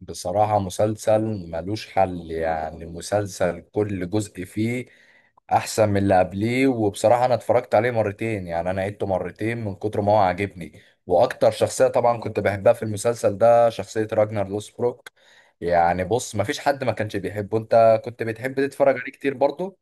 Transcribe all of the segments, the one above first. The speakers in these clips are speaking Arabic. بصراحة مسلسل ملوش حل. يعني مسلسل كل جزء فيه أحسن من اللي قبليه، وبصراحة أنا اتفرجت عليه مرتين، يعني أنا عدته مرتين من كتر ما هو عاجبني. وأكتر شخصية طبعا كنت بحبها في المسلسل ده شخصية راجنر لوسبروك. يعني بص، مفيش حد ما كانش بيحبه. أنت كنت بتحب تتفرج عليه كتير برضه؟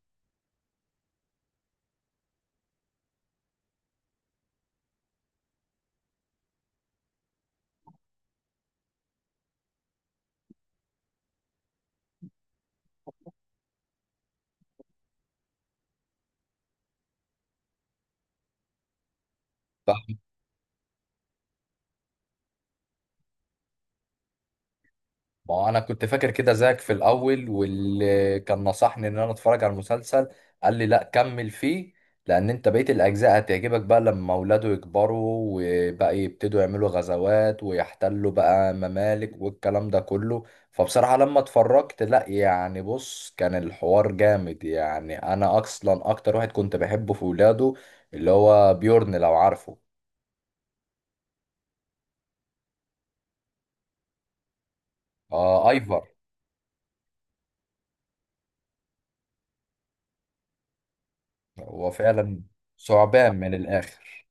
ما هو انا كنت فاكر كده زيك في الاول، واللي كان نصحني ان انا اتفرج على المسلسل قال لي لا كمل فيه، لان انت بقية الاجزاء هتعجبك بقى لما اولاده يكبروا وبقى يبتدوا يعملوا غزوات ويحتلوا بقى ممالك والكلام ده كله. فبصراحة لما اتفرجت، لا يعني بص، كان الحوار جامد. يعني انا اصلا اكتر واحد كنت بحبه في ولاده اللي هو بيورن، لو عارفه. آه، ايفر. هو فعلا ثعبان من الاخر.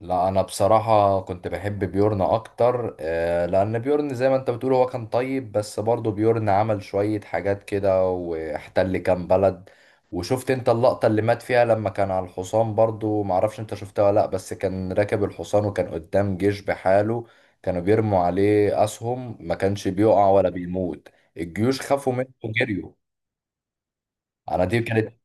لا، انا بصراحة كنت بحب بيورن اكتر، آه، لان بيورن زي ما انت بتقول هو كان طيب، بس برضه بيورن عمل شوية حاجات كده واحتل كام بلد. وشفت انت اللقطة اللي مات فيها لما كان على الحصان؟ برضه معرفش انت شفتها ولا لا، بس كان راكب الحصان وكان قدام جيش بحاله، كانوا بيرموا عليه اسهم ما كانش بيقع ولا بيموت. الجيوش خافوا منه وجريوا. انا دي كانت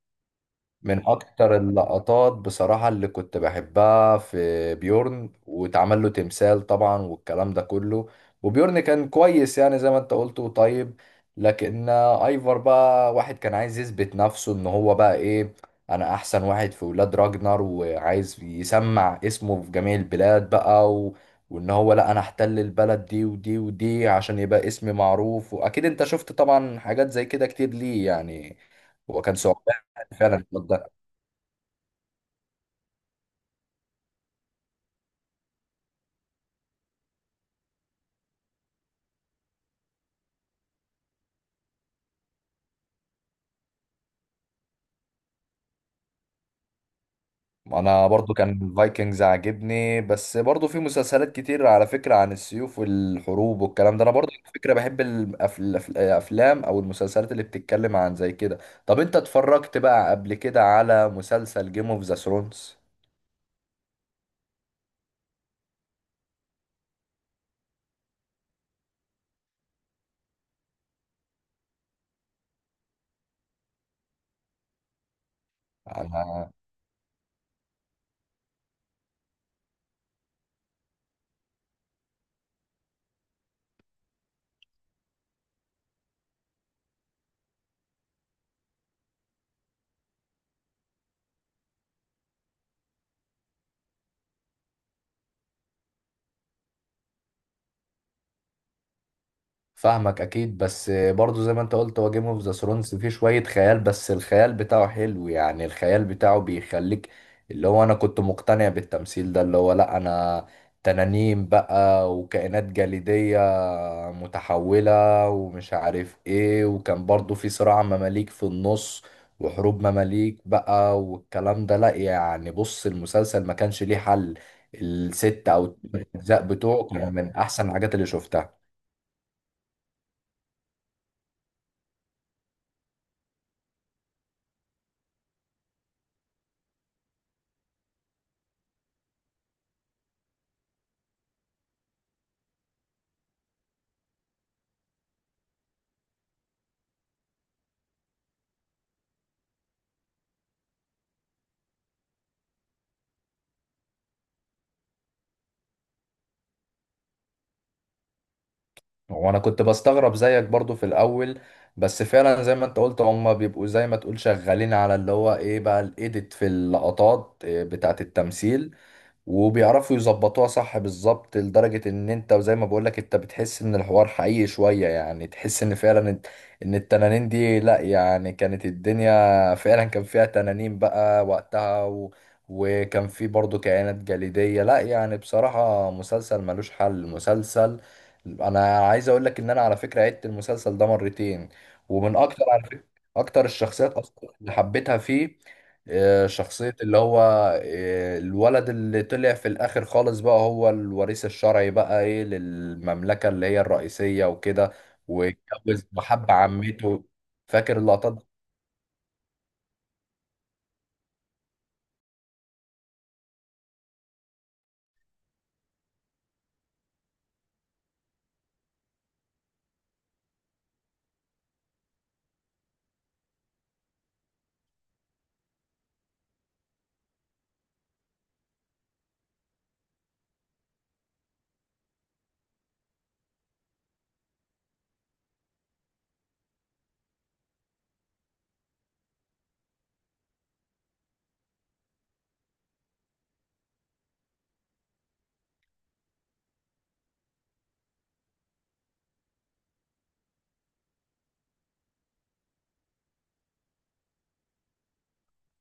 من اكتر اللقطات بصراحة اللي كنت بحبها في بيورن، واتعمل له تمثال طبعا والكلام ده كله. وبيورن كان كويس، يعني زي ما انت قلت وطيب، لكن ايفر بقى واحد كان عايز يثبت نفسه ان هو بقى ايه، انا احسن واحد في ولاد راجنر، وعايز يسمع اسمه في جميع البلاد بقى و... وان هو لا انا احتل البلد دي ودي ودي عشان يبقى اسمي معروف. واكيد انت شفت طبعا حاجات زي كده كتير، ليه يعني؟ هو كان ثعبان فعلا. انا برضو كان الفايكنجز عاجبني، بس برضو في مسلسلات كتير على فكرة عن السيوف والحروب والكلام ده. انا برضو على فكرة بحب الافلام او المسلسلات اللي بتتكلم عن زي كده. طب انت اتفرجت بقى قبل كده على مسلسل جيم اوف ذا ثرونز؟ فاهمك اكيد، بس برضو زي ما انت قلت هو جيم اوف ذا ثرونز فيه شوية خيال، بس الخيال بتاعه حلو، يعني الخيال بتاعه بيخليك اللي هو انا كنت مقتنع بالتمثيل ده. اللي هو لا انا تنانين بقى وكائنات جليدية متحولة ومش عارف ايه، وكان برضو في صراع مماليك في النص وحروب مماليك بقى والكلام ده. لا يعني بص، المسلسل ما كانش ليه حل. الست او الثمان اجزاء بتوعه كانوا من احسن الحاجات اللي شفتها. وانا كنت بستغرب زيك برضو في الاول، بس فعلا زي ما انت قلت هم بيبقوا زي ما تقول شغالين على اللي هو ايه بقى الايديت في اللقطات، إيه، بتاعت التمثيل. وبيعرفوا يظبطوها صح بالظبط، لدرجة ان انت وزي ما بقولك انت بتحس ان الحوار حقيقي شوية، يعني تحس ان فعلا إن التنانين دي لا يعني كانت الدنيا فعلا كان فيها تنانين بقى وقتها و... وكان في برضو كائنات جليدية. لا يعني بصراحة مسلسل ملوش حل مسلسل. انا عايز اقولك ان انا على فكرة عدت المسلسل ده مرتين. ومن اكتر على فكرة اكتر الشخصيات اصلا اللي حبيتها فيه، آه، شخصية اللي هو، آه، الولد اللي طلع في الآخر خالص بقى هو الوريث الشرعي بقى، إيه، للمملكة اللي هي الرئيسية وكده، واتجوز وحب عمته. فاكر اللقطات دي؟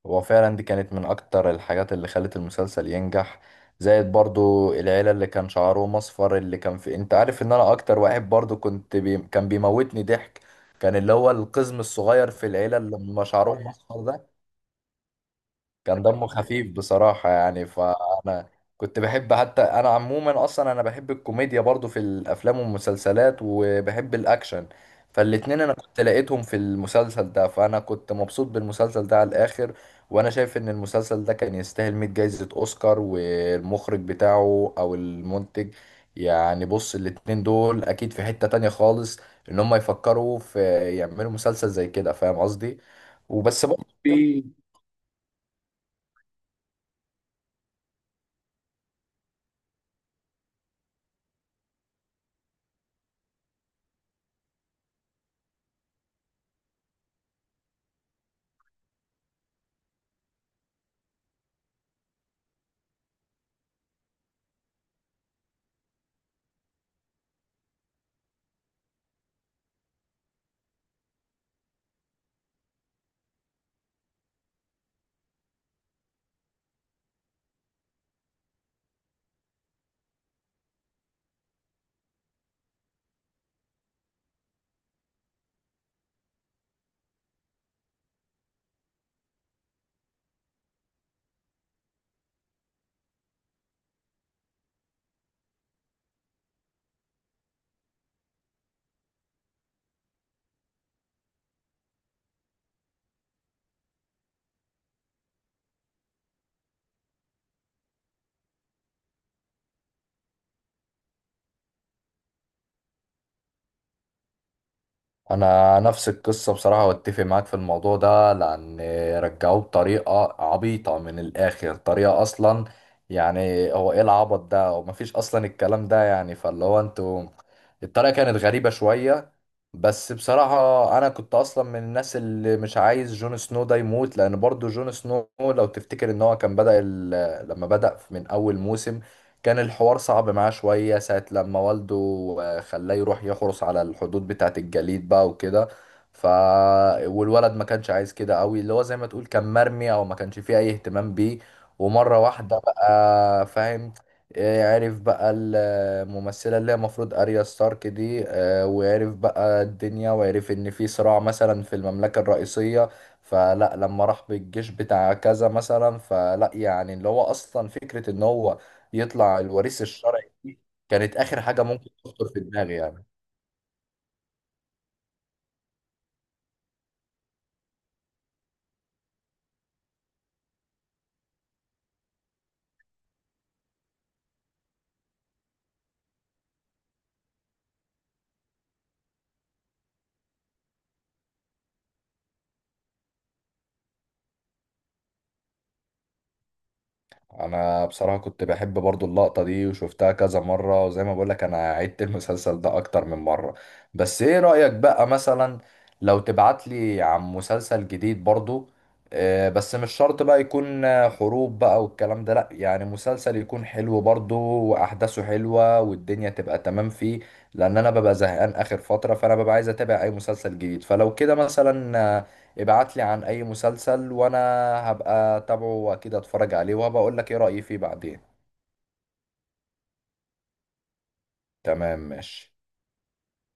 هو فعلا دي كانت من أكتر الحاجات اللي خلت المسلسل ينجح. زائد برضو العيلة اللي كان شعرهم أصفر اللي كان في. أنت عارف إن أنا أكتر واحد برضو كنت كان بيموتني ضحك، كان اللي هو القزم الصغير في العيلة اللي ما شعرهم أصفر ده. كان دمه خفيف بصراحة يعني. فأنا كنت بحب، حتى أنا عموما أصلا أنا بحب الكوميديا برضو في الأفلام والمسلسلات، وبحب الأكشن، فالاتنين أنا كنت لقيتهم في المسلسل ده، فأنا كنت مبسوط بالمسلسل ده على الآخر. وأنا شايف إن المسلسل ده كان يستاهل 100 جايزة أوسكار، والمخرج بتاعه أو المنتج، يعني بص الاتنين دول أكيد في حتة تانية خالص إن هم يفكروا في يعملوا مسلسل زي كده. فاهم قصدي؟ وبس برضه في. انا نفس القصه بصراحه، واتفق معاك في الموضوع ده، لان رجعوه بطريقه عبيطه من الاخر، طريقه اصلا يعني هو ايه العبط ده، ومفيش اصلا الكلام ده يعني. فاللي هو انتوا الطريقه كانت غريبه شويه. بس بصراحه انا كنت اصلا من الناس اللي مش عايز جون سنو ده يموت، لان برضو جون سنو لو تفتكر ان هو كان بدأ ال... لما بدأ من اول موسم كان الحوار صعب معاه شوية، ساعة لما والده، آه، خلاه يروح يحرس على الحدود بتاعة الجليد بقى وكده. ف والولد ما كانش عايز كده قوي، اللي هو زي ما تقول كان مرمي او ما كانش فيه اي اهتمام بيه. ومرة واحدة بقى فاهم، آه، عرف بقى الممثلة اللي هي المفروض أريا ستارك دي، آه، وعرف بقى الدنيا، وعرف إن في صراع مثلا في المملكة الرئيسية. فلا لما راح بالجيش بتاع كذا مثلا، فلا يعني اللي هو أصلا فكرة إن هو يطلع الوريث الشرعي دي كانت آخر حاجة ممكن تخطر في دماغي يعني. أنا بصراحة كنت بحب برضو اللقطة دي وشفتها كذا مرة، وزي ما بقولك أنا عدت المسلسل ده أكتر من مرة. بس إيه رأيك بقى مثلا لو تبعتلي عن مسلسل جديد برضو، آه، بس مش شرط بقى يكون، آه، حروب بقى والكلام ده، لأ يعني مسلسل يكون حلو برضو وأحداثه حلوة والدنيا تبقى تمام فيه. لأن أنا ببقى زهقان آخر فترة، فأنا ببقى عايز أتابع أي مسلسل جديد. فلو كده مثلا، آه، ابعت لي عن اي مسلسل وانا هبقى اتابعه واكيد اتفرج عليه، وهبقى اقول لك ايه رأيي فيه بعدين. تمام ماشي.